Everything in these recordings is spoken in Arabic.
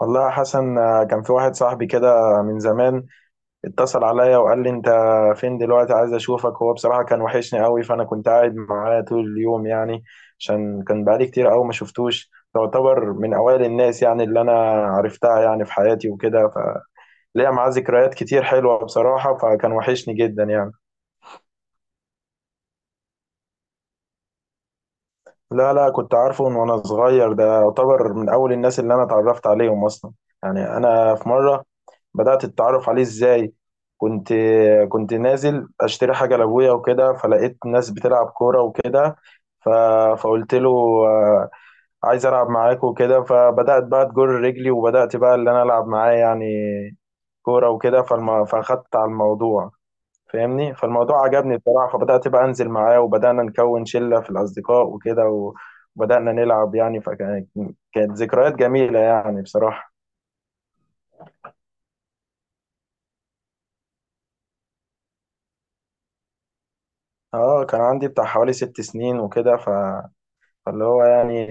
والله يا حسن، كان في واحد صاحبي كده من زمان اتصل عليا وقال لي: انت فين دلوقتي؟ عايز اشوفك. هو بصراحة كان وحشني قوي، فانا كنت قاعد معاه طول اليوم يعني. عشان كان بقالي كتير قوي ما شفتوش، تعتبر من اوائل الناس يعني اللي انا عرفتها يعني في حياتي وكده. فليا معاه ذكريات كتير حلوة بصراحة، فكان وحشني جدا يعني. لا لا، كنت عارفه من وانا صغير، ده يعتبر من اول الناس اللي انا اتعرفت عليهم اصلا. يعني انا في مره بدات اتعرف عليه ازاي. كنت كنت نازل اشتري حاجه لابويا وكده، فلقيت ناس بتلعب كوره وكده. ف... فقلت له: آه، عايز العب معاك وكده. فبدات بقى تجر رجلي وبدات بقى اللي انا العب معاه يعني كوره وكده. فاخدت على الموضوع، فاهمني، فالموضوع عجبني بصراحة. فبدأت بقى أنزل معاه وبدأنا نكون شلة في الأصدقاء وكده. وبدأنا نلعب يعني. فكانت ذكريات جميلة يعني بصراحة. اه، كان عندي بتاع حوالي 6 سنين وكده. فاللي هو يعني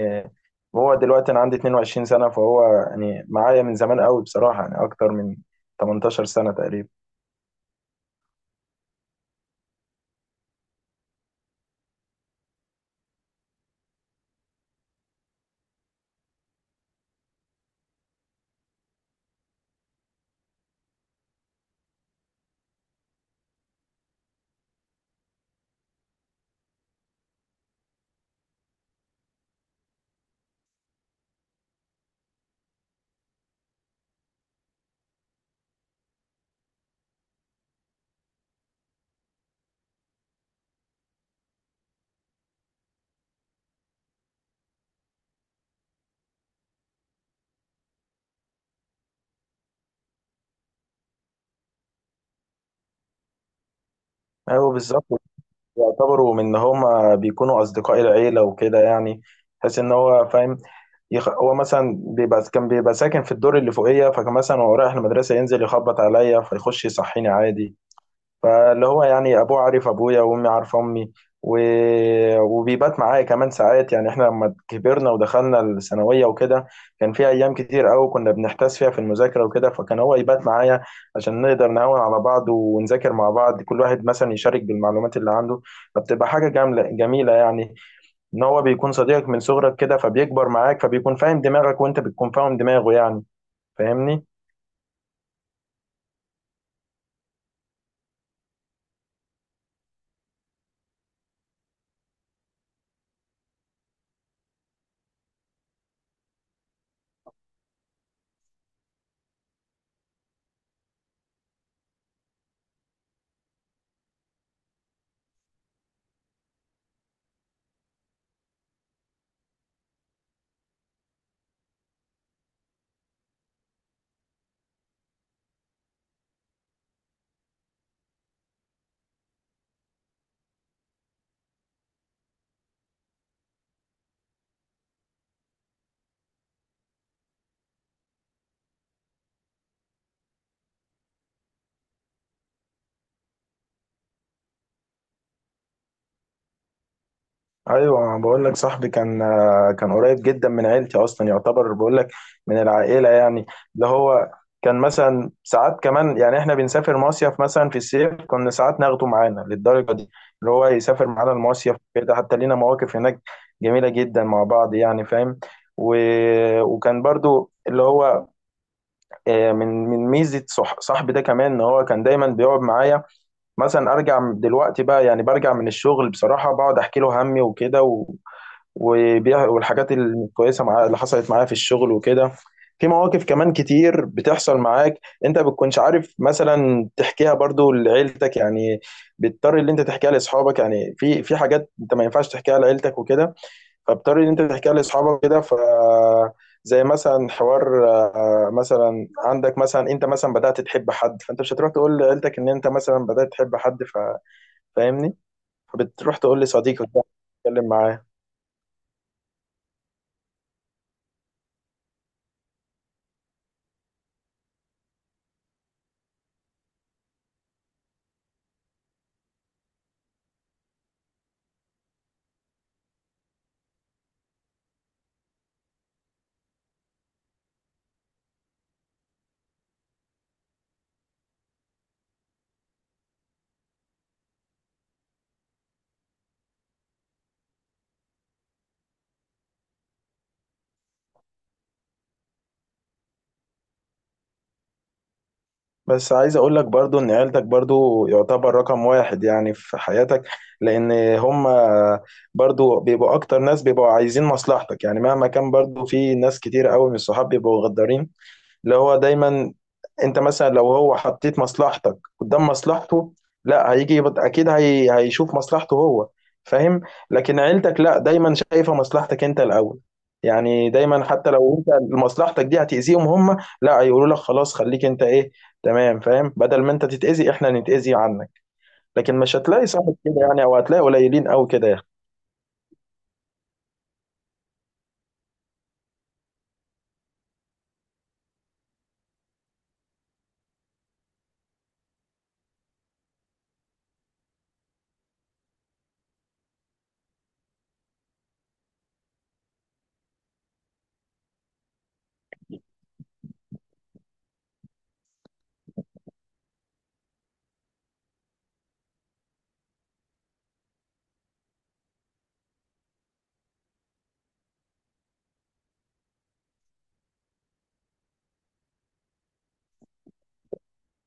هو دلوقتي أنا عندي 22 سنة، فهو يعني معايا من زمان قوي بصراحة، يعني أكتر من 18 سنة تقريبا. أيوه بالظبط، يعتبروا من إن هما بيكونوا أصدقاء العيلة وكده يعني، تحس إن هو فاهم. هو مثلا بيبقى كان بيبقى ساكن في الدور اللي فوقيه، فكان مثلا وهو رايح المدرسه ينزل يخبط عليا فيخش يصحيني عادي. فاللي هو يعني ابوه عارف ابويا وامي عارفه امي و... وبيبات معايا كمان ساعات، يعني احنا لما كبرنا ودخلنا الثانويه وكده، كان في ايام كتير قوي كنا بنحتاس فيها في المذاكره وكده، فكان هو يبات معايا عشان نقدر نهون على بعض ونذاكر مع بعض، كل واحد مثلا يشارك بالمعلومات اللي عنده. فبتبقى حاجه جامله جميله يعني، ان هو بيكون صديقك من صغرك كده، فبيكبر معاك فبيكون فاهم دماغك وانت بتكون فاهم دماغه يعني، فاهمني. ايوه، أنا بقول لك صاحبي كان، كان قريب جدا من عيلتي، اصلا يعتبر بقول لك من العائله يعني. اللي هو كان مثلا ساعات كمان، يعني احنا بنسافر مصيف مثلا في الصيف كنا ساعات ناخده معانا للدرجه دي، اللي هو يسافر معانا المصيف كده، حتى لينا مواقف هناك جميله جدا مع بعض يعني فاهم. و... وكان برضو اللي هو من ميزه صاحبي ده كمان، ان هو كان دايما بيقعد معايا مثلا. ارجع دلوقتي بقى يعني برجع من الشغل بصراحه، بقعد احكي له همي وكده. والحاجات الكويسه معايا اللي حصلت معايا في الشغل وكده. في مواقف كمان كتير بتحصل معاك، انت بتكونش عارف مثلا تحكيها برضو لعيلتك يعني، بتضطر اللي انت تحكيها لاصحابك يعني. في حاجات انت ما ينفعش تحكيها لعيلتك وكده، فاضطر ان انت تحكيها لاصحابك كده. ف زي مثلا حوار، مثلا عندك مثلا انت مثلا بدأت تحب حد، فانت مش هتروح تقول لعيلتك ان انت مثلا بدأت تحب حد. فاهمني. فبتروح تقول لصديقك ده، تتكلم معاه. بس عايز اقول لك برضو ان عيلتك برضو يعتبر رقم واحد يعني في حياتك، لان هم برضو بيبقوا اكتر ناس بيبقوا عايزين مصلحتك يعني، مهما كان برضو في ناس كتير قوي من الصحاب بيبقوا غدارين. اللي هو دايما انت مثلا لو هو حطيت مصلحتك قدام مصلحته، لا اكيد هي هيشوف مصلحته هو، فاهم. لكن عيلتك لا، دايما شايفة مصلحتك انت الاول. يعني دايما حتى لو انت مصلحتك دي هتأذيهم هم، لا هيقولوا لك: خلاص خليك انت ايه، تمام، فاهم، بدل ما انت تتأذي احنا نتأذي عنك. لكن مش هتلاقي صاحب كده يعني، او هتلاقي قليلين قوي كده يا اخي.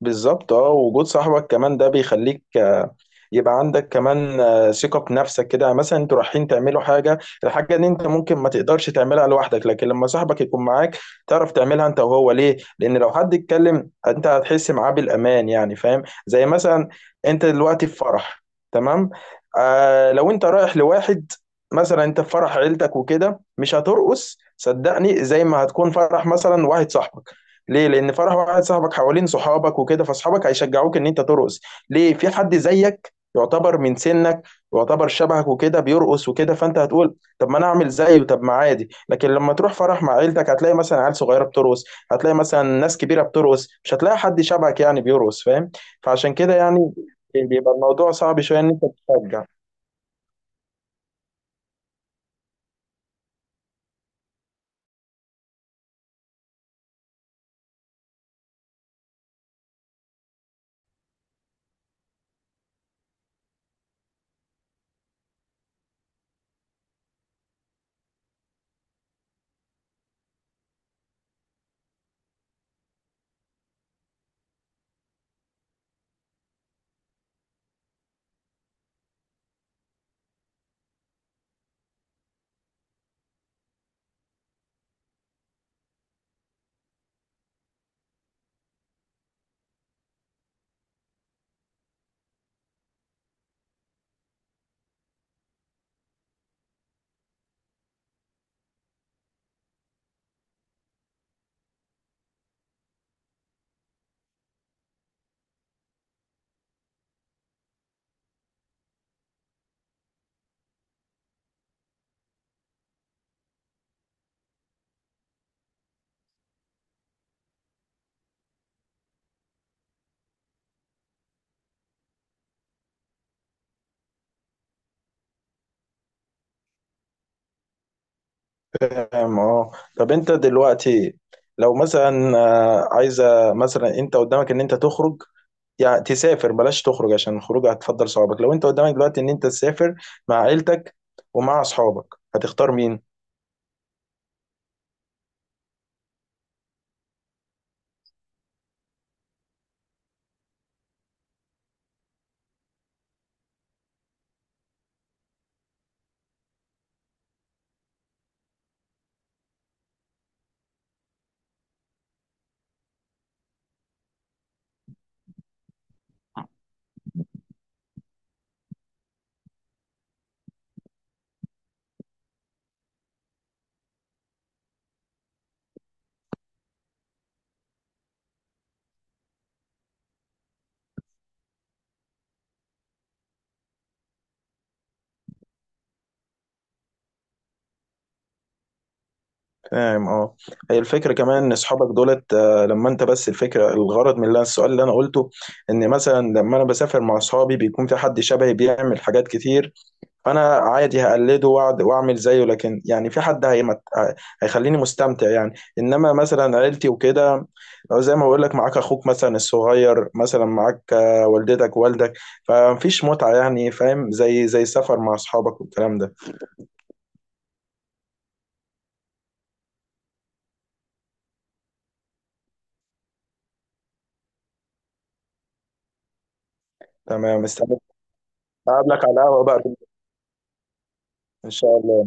بالظبط. اه، وجود صاحبك كمان ده بيخليك يبقى عندك كمان ثقة بنفسك كده، مثلا انتوا رايحين تعملوا حاجة، الحاجة ان انت ممكن ما تقدرش تعملها لوحدك لكن لما صاحبك يكون معاك تعرف تعملها انت وهو. ليه؟ لان لو حد اتكلم انت هتحس معاه بالامان يعني، فاهم؟ زي مثلا انت دلوقتي في فرح، تمام، آه لو انت رايح لواحد، مثلا انت في فرح عيلتك وكده مش هترقص، صدقني، زي ما هتكون فرح مثلا واحد صاحبك. ليه؟ لان فرح واحد صاحبك حوالين صحابك وكده، فاصحابك هيشجعوك ان انت ترقص. ليه؟ في حد زيك، يعتبر من سنك، يعتبر شبهك وكده بيرقص وكده، فانت هتقول: طب ما انا اعمل زيه، طب ما عادي. لكن لما تروح فرح مع عيلتك هتلاقي مثلا عيال صغيره بترقص، هتلاقي مثلا ناس كبيره بترقص، مش هتلاقي حد شبهك يعني بيرقص، فاهم. فعشان كده يعني بيبقى الموضوع صعب شويه ان انت تشجع. فاهم، اه. طب انت دلوقتي لو مثلا عايزه، مثلا انت قدامك ان انت تخرج يعني تسافر، بلاش تخرج عشان الخروج هتفضل صحابك، لو انت قدامك دلوقتي ان انت تسافر مع عيلتك ومع اصحابك هتختار مين؟ فاهم، اه. هي الفكره كمان ان اصحابك دولت، لما انت بس الفكره، الغرض من السؤال اللي انا قلته، ان مثلا لما انا بسافر مع اصحابي بيكون في حد شبهي بيعمل حاجات كتير، فانا عادي هقلده واعمل زيه. لكن يعني في حد هيخليني مستمتع يعني، انما مثلا عيلتي وكده، لو زي ما بقول لك معاك اخوك مثلا الصغير مثلا معاك والدتك والدك، فمفيش متعة يعني فاهم، زي السفر مع اصحابك والكلام ده. تمام، استنى اقابلك على القهوة بقى، ان شاء الله.